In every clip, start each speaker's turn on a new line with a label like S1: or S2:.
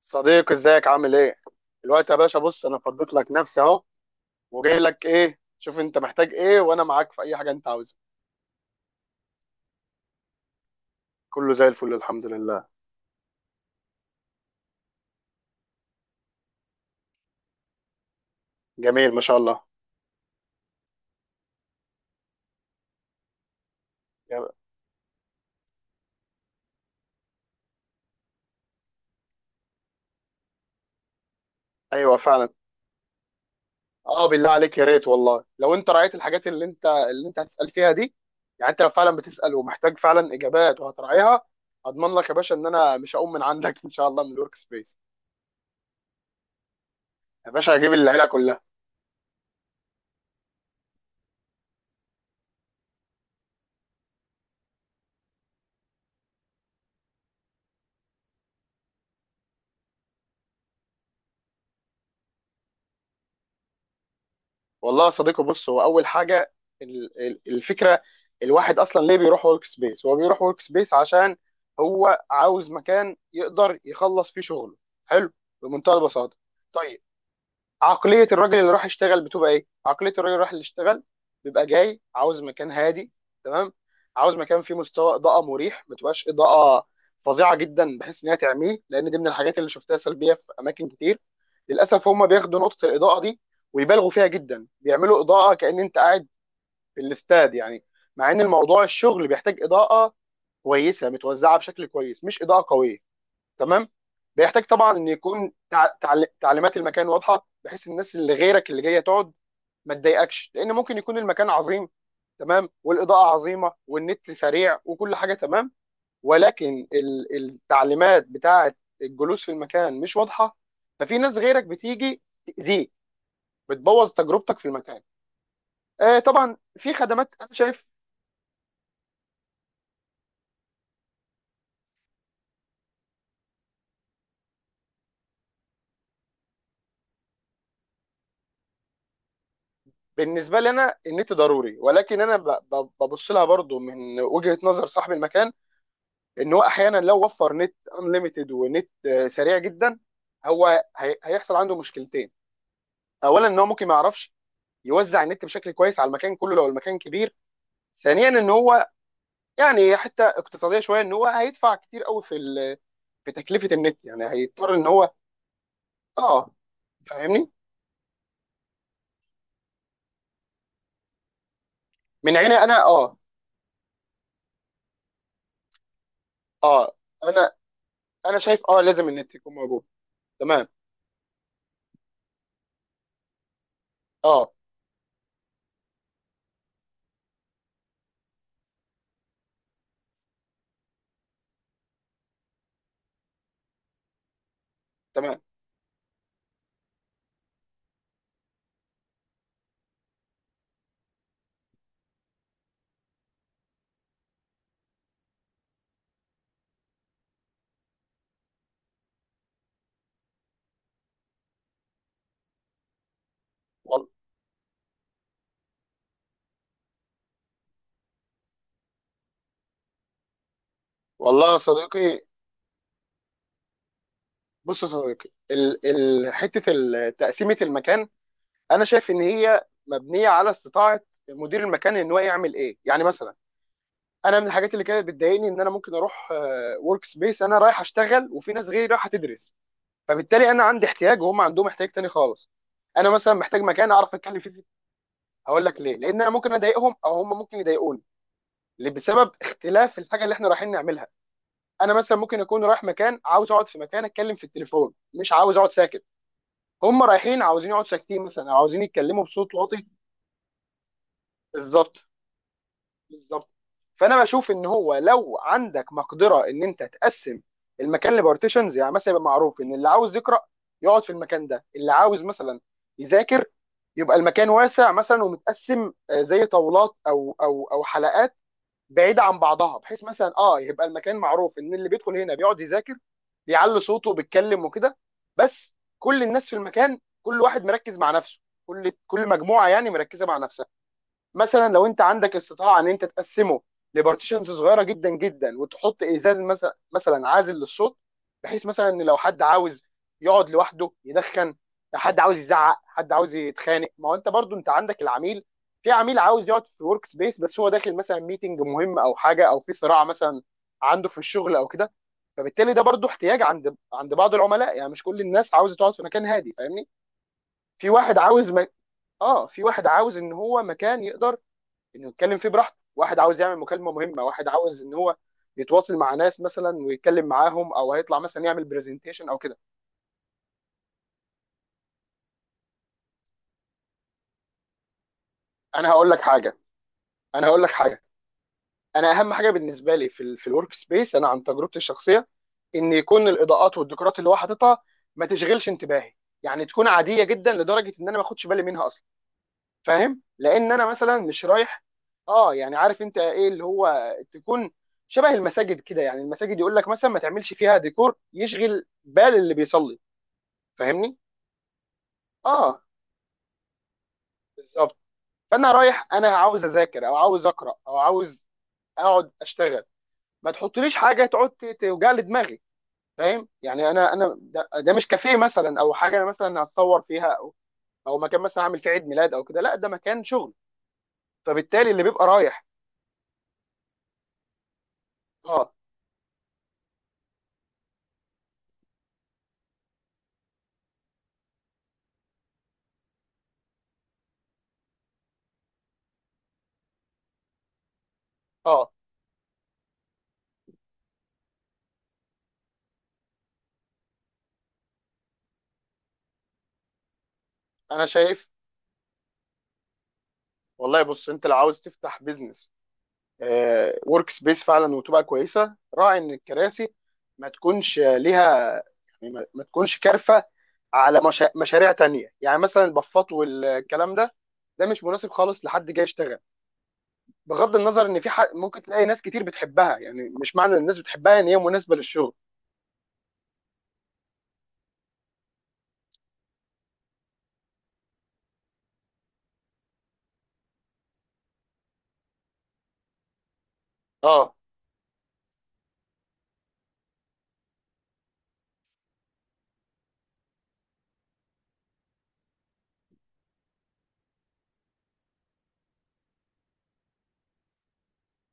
S1: صديقي، ازيك؟ عامل ايه؟ الوقت يا باشا. بص انا فضيت لك نفسي اهو، وجاي لك ايه؟ شوف انت محتاج ايه، وانا معاك في اي حاجه انت عاوزها. كله زي الفل، الحمد لله. جميل، ما شاء الله. يا-. ايوه فعلا. اه بالله عليك، يا ريت والله لو انت راعيت الحاجات اللي انت هتسال فيها دي، يعني انت لو فعلا بتسال ومحتاج فعلا اجابات وهتراعيها، اضمن لك يا باشا ان انا مش هقوم من عندك ان شاء الله من الورك سبيس. يا باشا هجيب العيله كلها. والله يا صديقي، بص هو اول حاجه، الفكره، الواحد اصلا ليه بيروح ورك سبيس؟ هو بيروح ورك سبيس عشان هو عاوز مكان يقدر يخلص فيه شغله. حلو، بمنتهى البساطه. طيب، عقلية الراجل اللي راح يشتغل بتبقى ايه؟ عقلية الراجل اللي راح يشتغل بيبقى جاي عاوز مكان هادي، تمام؟ عاوز مكان فيه مستوى إضاءة مريح، ما تبقاش إضاءة فظيعة جدا بحيث إن هي تعميه، لأن دي من الحاجات اللي شفتها سلبية في أماكن كتير. للأسف هم بياخدوا نقطة الإضاءة دي ويبالغوا فيها جدا، بيعملوا إضاءة كأن أنت قاعد في الاستاد يعني. مع إن الموضوع، الشغل بيحتاج إضاءة كويسة متوزعة بشكل كويس، مش إضاءة قوية. تمام. بيحتاج طبعا ان يكون تعليمات المكان واضحه، بحيث الناس اللي غيرك اللي جايه تقعد ما تضايقكش، لان ممكن يكون المكان عظيم، تمام، والاضاءه عظيمه، والنت سريع، وكل حاجه تمام، ولكن التعليمات بتاعه الجلوس في المكان مش واضحه، ففي ناس غيرك بتيجي تاذيك، بتبوظ تجربتك في المكان. آه طبعا في خدمات انا شايف. بالنسبه لي انا النت ضروري، ولكن انا ببص لها برضو من وجهه نظر صاحب المكان، ان هو احيانا لو وفر نت انليمتد ونت سريع جدا، هو هيحصل عنده مشكلتين. اولا ان هو ممكن ما يعرفش يوزع النت بشكل كويس على المكان كله لو المكان كبير. ثانيا ان هو يعني حتى اقتصاديه شويه، ان هو هيدفع كتير قوي في في تكلفه النت، يعني هيضطر ان هو. اه. فاهمني. من عيني انا، اه. اه. انا انا شايف اه لازم النت يكون موجود. تمام. اه تمام. وال- والله يا صديقي، بص يا صديقي، ال حته تقسيمه المكان، انا شايف ان هي مبنيه على استطاعه مدير المكان ان هو يعمل ايه، يعني مثلا انا من الحاجات اللي كانت بتضايقني ان انا ممكن اروح ورك سبيس انا رايح اشتغل، وفي ناس غيري رايحه تدرس، فبالتالي انا عندي احتياج وهم عندهم احتياج تاني خالص. انا مثلا محتاج مكان اعرف اتكلم فيه. هقول لك ليه، لان انا ممكن اضايقهم او هم ممكن يضايقوني، اللي بسبب اختلاف الحاجه اللي احنا رايحين نعملها. انا مثلا ممكن اكون رايح مكان عاوز اقعد في مكان اتكلم في التليفون، مش عاوز اقعد ساكت. هم رايحين عاوزين يقعدوا ساكتين مثلا، او عاوزين يتكلموا بصوت واطي. بالظبط، بالظبط. فانا بشوف ان هو لو عندك مقدره ان انت تقسم المكان لبارتيشنز، يعني مثلا يبقى معروف ان اللي عاوز يقرا يقعد في المكان ده، اللي عاوز مثلا يذاكر يبقى المكان واسع مثلا ومتقسم، زي طاولات او حلقات بعيده عن بعضها، بحيث مثلا اه يبقى المكان معروف ان اللي بيدخل هنا بيقعد يذاكر، بيعلي صوته وبيتكلم وكده، بس كل الناس في المكان كل واحد مركز مع نفسه، كل مجموعه يعني مركزه مع نفسها. مثلا لو انت عندك استطاعه ان انت تقسمه لبارتيشنز صغيره جدا جدا، وتحط ازاز مثلا عازل للصوت، بحيث مثلا ان لو حد عاوز يقعد لوحده يدخن، حد عاوز يزعق، حد عاوز يتخانق. ما هو انت برضو انت عندك العميل، في عميل عاوز يقعد في ورك سبيس بس هو داخل مثلا ميتنج مهم او حاجه، او في صراع مثلا عنده في الشغل او كده. فبالتالي ده برضو احتياج عند بعض العملاء، يعني مش كل الناس عاوزه تقعد في مكان هادي، فاهمني؟ في واحد عاوز م... اه في واحد عاوز ان هو مكان يقدر انه يتكلم فيه براحته، واحد عاوز يعمل مكالمه مهمه، واحد عاوز ان هو يتواصل مع ناس مثلا ويتكلم معاهم، او هيطلع مثلا يعمل برزنتيشن او كده. انا هقول لك حاجه انا هقول لك حاجه، انا اهم حاجه بالنسبه لي في في الورك سبيس، انا عن تجربتي الشخصيه، ان يكون الاضاءات والديكورات اللي هو حاططها ما تشغلش انتباهي، يعني تكون عاديه جدا لدرجه ان انا ما اخدش بالي منها اصلا، فاهم؟ لان انا مثلا مش رايح. اه يعني عارف انت ايه اللي هو، تكون شبه المساجد كده، يعني المساجد يقول لك مثلا ما تعملش فيها ديكور يشغل بال اللي بيصلي، فاهمني؟ اه بالظبط. فانا رايح انا عاوز اذاكر، او عاوز اقرا، او عاوز اقعد اشتغل، ما تحطليش حاجه تقعد توجع لي دماغي، فاهم؟ يعني انا ده, ده مش كافيه مثلا، او حاجه انا مثلا هتصور فيها، او او مكان مثلا اعمل فيه عيد ميلاد او كده، لا ده مكان شغل، فبالتالي اللي بيبقى رايح. اه. اه. انا شايف. والله بص انت لو عاوز تفتح بيزنس ورك سبيس فعلا وتبقى كويسه، راعي ان الكراسي ما تكونش ليها، يعني ما تكونش كارفه على مشا... مشاريع تانية، يعني مثلا البفات والكلام ده، ده مش مناسب خالص لحد جاي يشتغل، بغض النظر ان في حق ممكن تلاقي ناس كتير بتحبها، يعني مش معنى ان الناس بتحبها ان هي مناسبه للشغل. اه.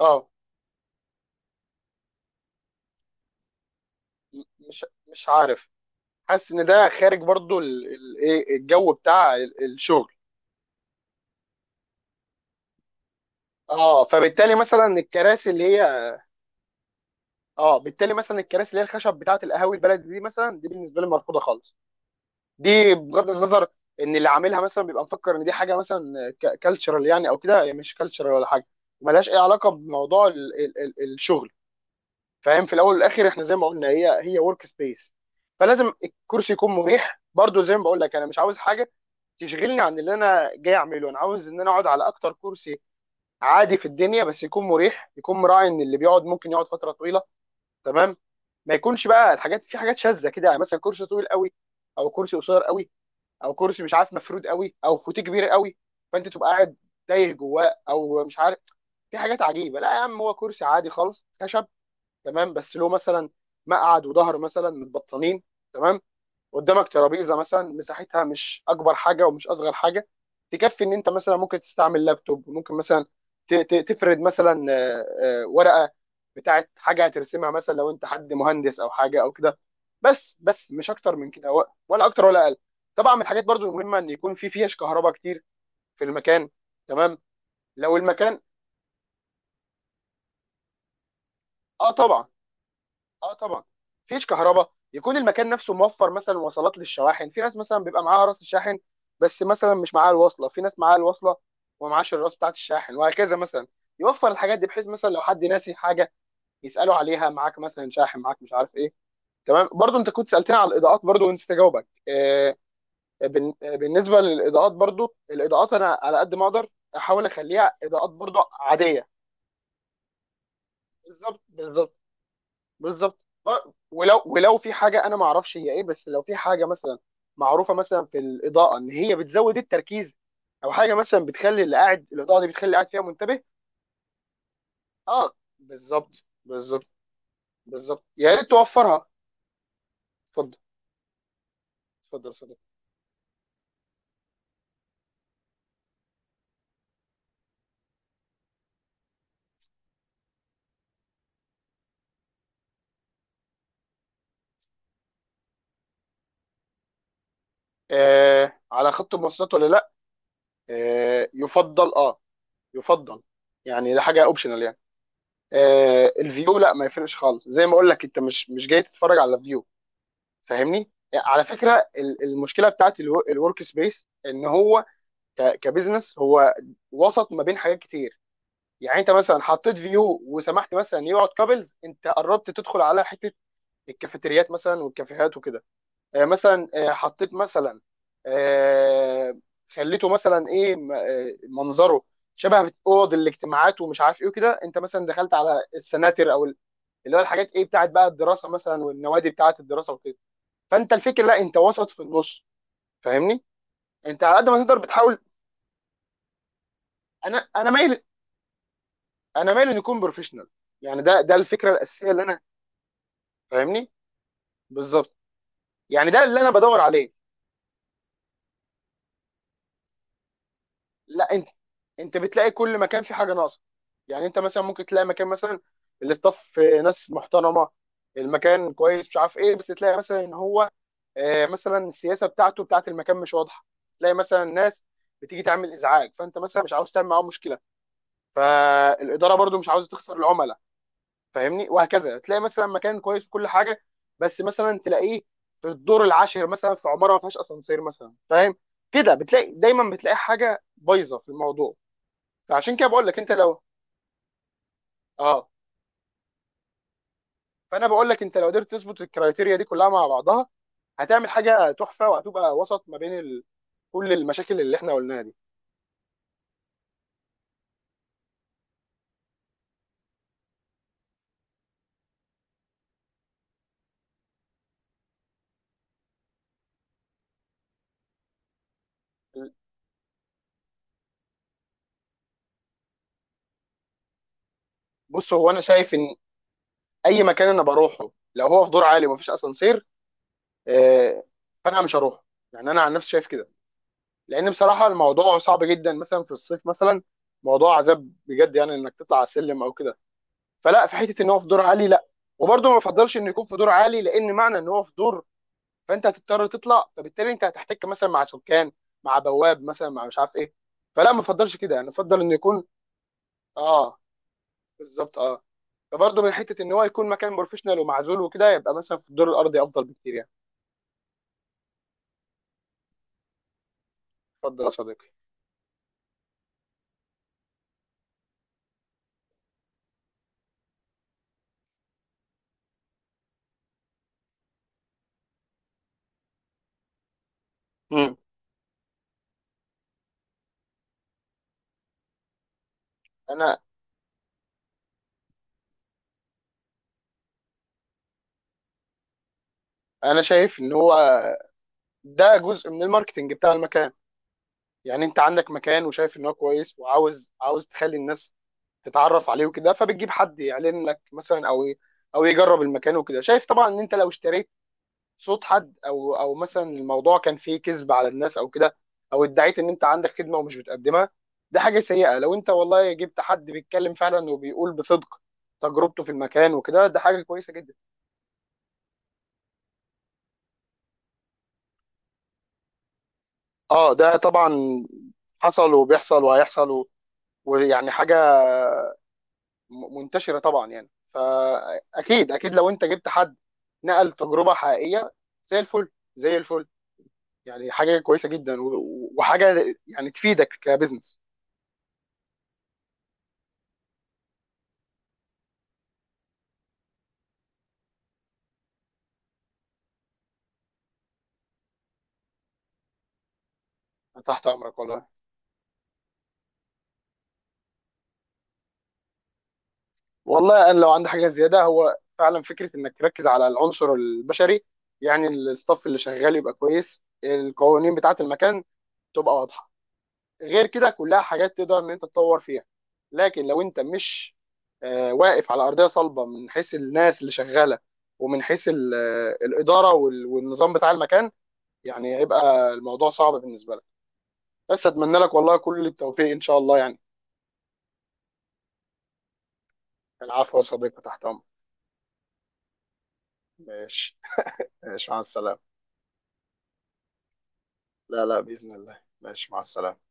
S1: اه. م- مش مش عارف، حاسس ان ده خارج برضو ايه الجو بتاع الشغل. اه فبالتالي مثلا الكراسي اللي هي، اه بالتالي مثلا الكراسي اللي هي الخشب بتاعه القهاوي البلدي دي مثلا، دي بالنسبه لي مرفوضه خالص. دي بغض النظر ان اللي عاملها مثلا بيبقى مفكر ان دي حاجه مثلا كالتشرال يعني او كده، هي مش كالتشرال ولا حاجه، ملهاش اي علاقه بموضوع ال الشغل، فاهم؟ في الاول والاخر احنا زي ما قلنا هي هي ورك سبيس، فلازم الكرسي يكون مريح. برضو زي ما بقول لك انا مش عاوز حاجه تشغلني عن اللي انا جاي اعمله، انا عاوز ان انا اقعد على اكتر كرسي عادي في الدنيا، بس يكون مريح، يكون مراعي ان اللي بيقعد ممكن يقعد فتره طويله. تمام. ما يكونش بقى الحاجات، في حاجات شاذه كده، يعني مثلا كرسي طويل قوي او كرسي قصير قوي، او كرسي مش عارف مفرود قوي، او فوتيه كبير قوي، فانت تبقى قاعد تايه جواه، او مش عارف. في حاجات عجيبه، لا يا عم، هو كرسي عادي خالص خشب، تمام، بس له مثلا مقعد وظهر مثلا متبطنين، تمام، قدامك ترابيزه مثلا مساحتها مش اكبر حاجه ومش اصغر حاجه، تكفي ان انت مثلا ممكن تستعمل لابتوب، ممكن مثلا تفرد مثلا ورقه بتاعت حاجه هترسمها مثلا لو انت حد مهندس او حاجه او كده، بس مش اكتر من كده، ولا اكتر ولا اقل. طبعا من الحاجات برضو المهمه ان يكون في فيش كهرباء كتير في المكان. تمام لو المكان، اه طبعا، اه طبعا. مفيش كهرباء، يكون المكان نفسه موفر مثلا وصلات للشواحن. في ناس مثلا بيبقى معاها راس الشاحن بس مثلا مش معاها الوصله، في ناس معاها الوصله ومعاش الراس بتاعت الشاحن، وهكذا. مثلا يوفر الحاجات دي، بحيث مثلا لو حد ناسي حاجه يسالوا عليها، معاك مثلا شاحن؟ معاك مش عارف ايه؟ تمام. برضو انت كنت سالتني على الاضاءات برضو ونسيت اجاوبك، بالنسبه للاضاءات برضو، الاضاءات انا على قد ما اقدر احاول اخليها اضاءات برضو عاديه. بالظبط، بالظبط، بالظبط. ولو في حاجه انا ما اعرفش هي ايه، بس لو في حاجه مثلا معروفه مثلا في الاضاءه ان هي بتزود التركيز، او حاجه مثلا بتخلي اللي قاعد، الاضاءه دي بتخلي اللي قاعد فيها منتبه. اه بالظبط، بالظبط، بالظبط، يا ريت توفرها. اتفضل، اتفضل، اتفضل. آه على خط المواصلات ولا لا، آه يفضل اه، يفضل، يعني ده حاجه اوبشنال يعني. آه الفيو لا ما يفرقش خالص، زي ما اقول لك انت مش مش جاي تتفرج على فيو. فاهمني؟ على فكره المشكله بتاعت الورك سبيس ان هو كبزنس، هو وسط ما بين حاجات كتير، يعني انت مثلا حطيت فيو وسمحت مثلا يقعد كابلز، انت قربت تدخل على حته الكافيتريات مثلا والكافيهات وكده. مثلا حطيت مثلا، آه، خليته مثلا ايه منظره شبه اوض الاجتماعات ومش عارف ايه وكده، انت مثلا دخلت على السناتر او اللي هو الحاجات ايه بتاعت بقى الدراسه مثلا والنوادي بتاعت الدراسه وكده، فانت الفكر لا، انت وسط في النص، فاهمني؟ انت على قد ما تقدر بتحاول. انا مايل، انا مايل ان يكون بروفيشنال، يعني ده ده الفكره الاساسيه اللي انا، فاهمني؟ بالظبط، يعني ده اللي انا بدور عليه. لا انت، انت بتلاقي كل مكان في حاجه ناقصه، يعني انت مثلا ممكن تلاقي مكان مثلا الاستاف ناس محترمه، المكان كويس مش عارف ايه، بس تلاقي مثلا ان هو مثلا السياسه بتاعته بتاعت المكان مش واضحه، تلاقي مثلا ناس بتيجي تعمل ازعاج، فانت مثلا مش عاوز تعمل معاهم مشكله، فالاداره برضو مش عاوزه تخسر العملاء، فاهمني؟ وهكذا. تلاقي مثلا مكان كويس وكل حاجه، بس مثلا تلاقيه في الدور العاشر مثلا في عماره ما فيهاش اسانسير مثلا، فاهم كده؟ بتلاقي دايما بتلاقي حاجه بايظه في الموضوع. فعشان كده بقول لك انت لو اه، فانا بقول لك انت لو قدرت تظبط الكرايتيريا دي كلها مع بعضها، هتعمل حاجه تحفه، وهتبقى وسط ما بين ال... كل المشاكل اللي احنا قلناها دي. بص هو انا شايف ان اي مكان انا بروحه لو هو في دور عالي ومفيش اسانسير، آه، فانا مش هروح، يعني انا عن نفسي شايف كده، لان بصراحه الموضوع صعب جدا مثلا في الصيف مثلا، موضوع عذاب بجد يعني، انك تطلع على السلم او كده. فلا، في حته ان هو في دور عالي لا. وبرضه ما بفضلش انه يكون في دور عالي، لان معنى ان هو في دور، فانت هتضطر تطلع، فبالتالي انت هتحتك مثلا مع سكان، مع بواب مثلا، مع مش عارف ايه، فلا ما بفضلش كده، يعني افضل انه يكون، اه بالظبط اه. فبرضه من حته ان هو يكون مكان بروفيشنال ومعزول وكده، يبقى مثلا في الدور الارضي افضل بكتير يعني. اتفضل يا صديقي. مم. انا انا شايف ان هو ده جزء من الماركتنج بتاع المكان، يعني انت عندك مكان وشايف ان هو كويس، وعاوز تخلي الناس تتعرف عليه وكده، فبتجيب حد يعلن لك مثلا، او او يجرب المكان وكده. شايف طبعا ان انت لو اشتريت صوت حد، او مثلا الموضوع كان فيه كذب على الناس او كده، او ادعيت ان انت عندك خدمه ومش بتقدمها، ده حاجه سيئه. لو انت والله جبت حد بيتكلم فعلا وبيقول بصدق تجربته في المكان وكده، ده حاجه كويسه جدا. اه ده طبعا حصل وبيحصل وهيحصل، ويعني حاجه منتشره طبعا يعني. فاكيد، اكيد لو انت جبت حد نقل تجربه حقيقيه، زي الفل زي الفل، يعني حاجه كويسه جدا، وحاجه يعني تفيدك كبزنس. تحت امرك والله. والله انا لو عندي حاجه زياده، هو فعلا فكره انك تركز على العنصر البشري، يعني الستاف اللي شغال يبقى كويس، القوانين بتاعه المكان تبقى واضحه، غير كده كلها حاجات تقدر ان انت تطور فيها. لكن لو انت مش واقف على ارضيه صلبه من حيث الناس اللي شغاله، ومن حيث الاداره والنظام بتاع المكان، يعني هيبقى الموضوع صعب بالنسبه لك. بس اتمنى لك والله كل التوفيق ان شاء الله يعني. العفو يا صديقي، تحت امرك. ماشي. ماشي مع السلامه. لا لا باذن الله، ماشي مع السلامه.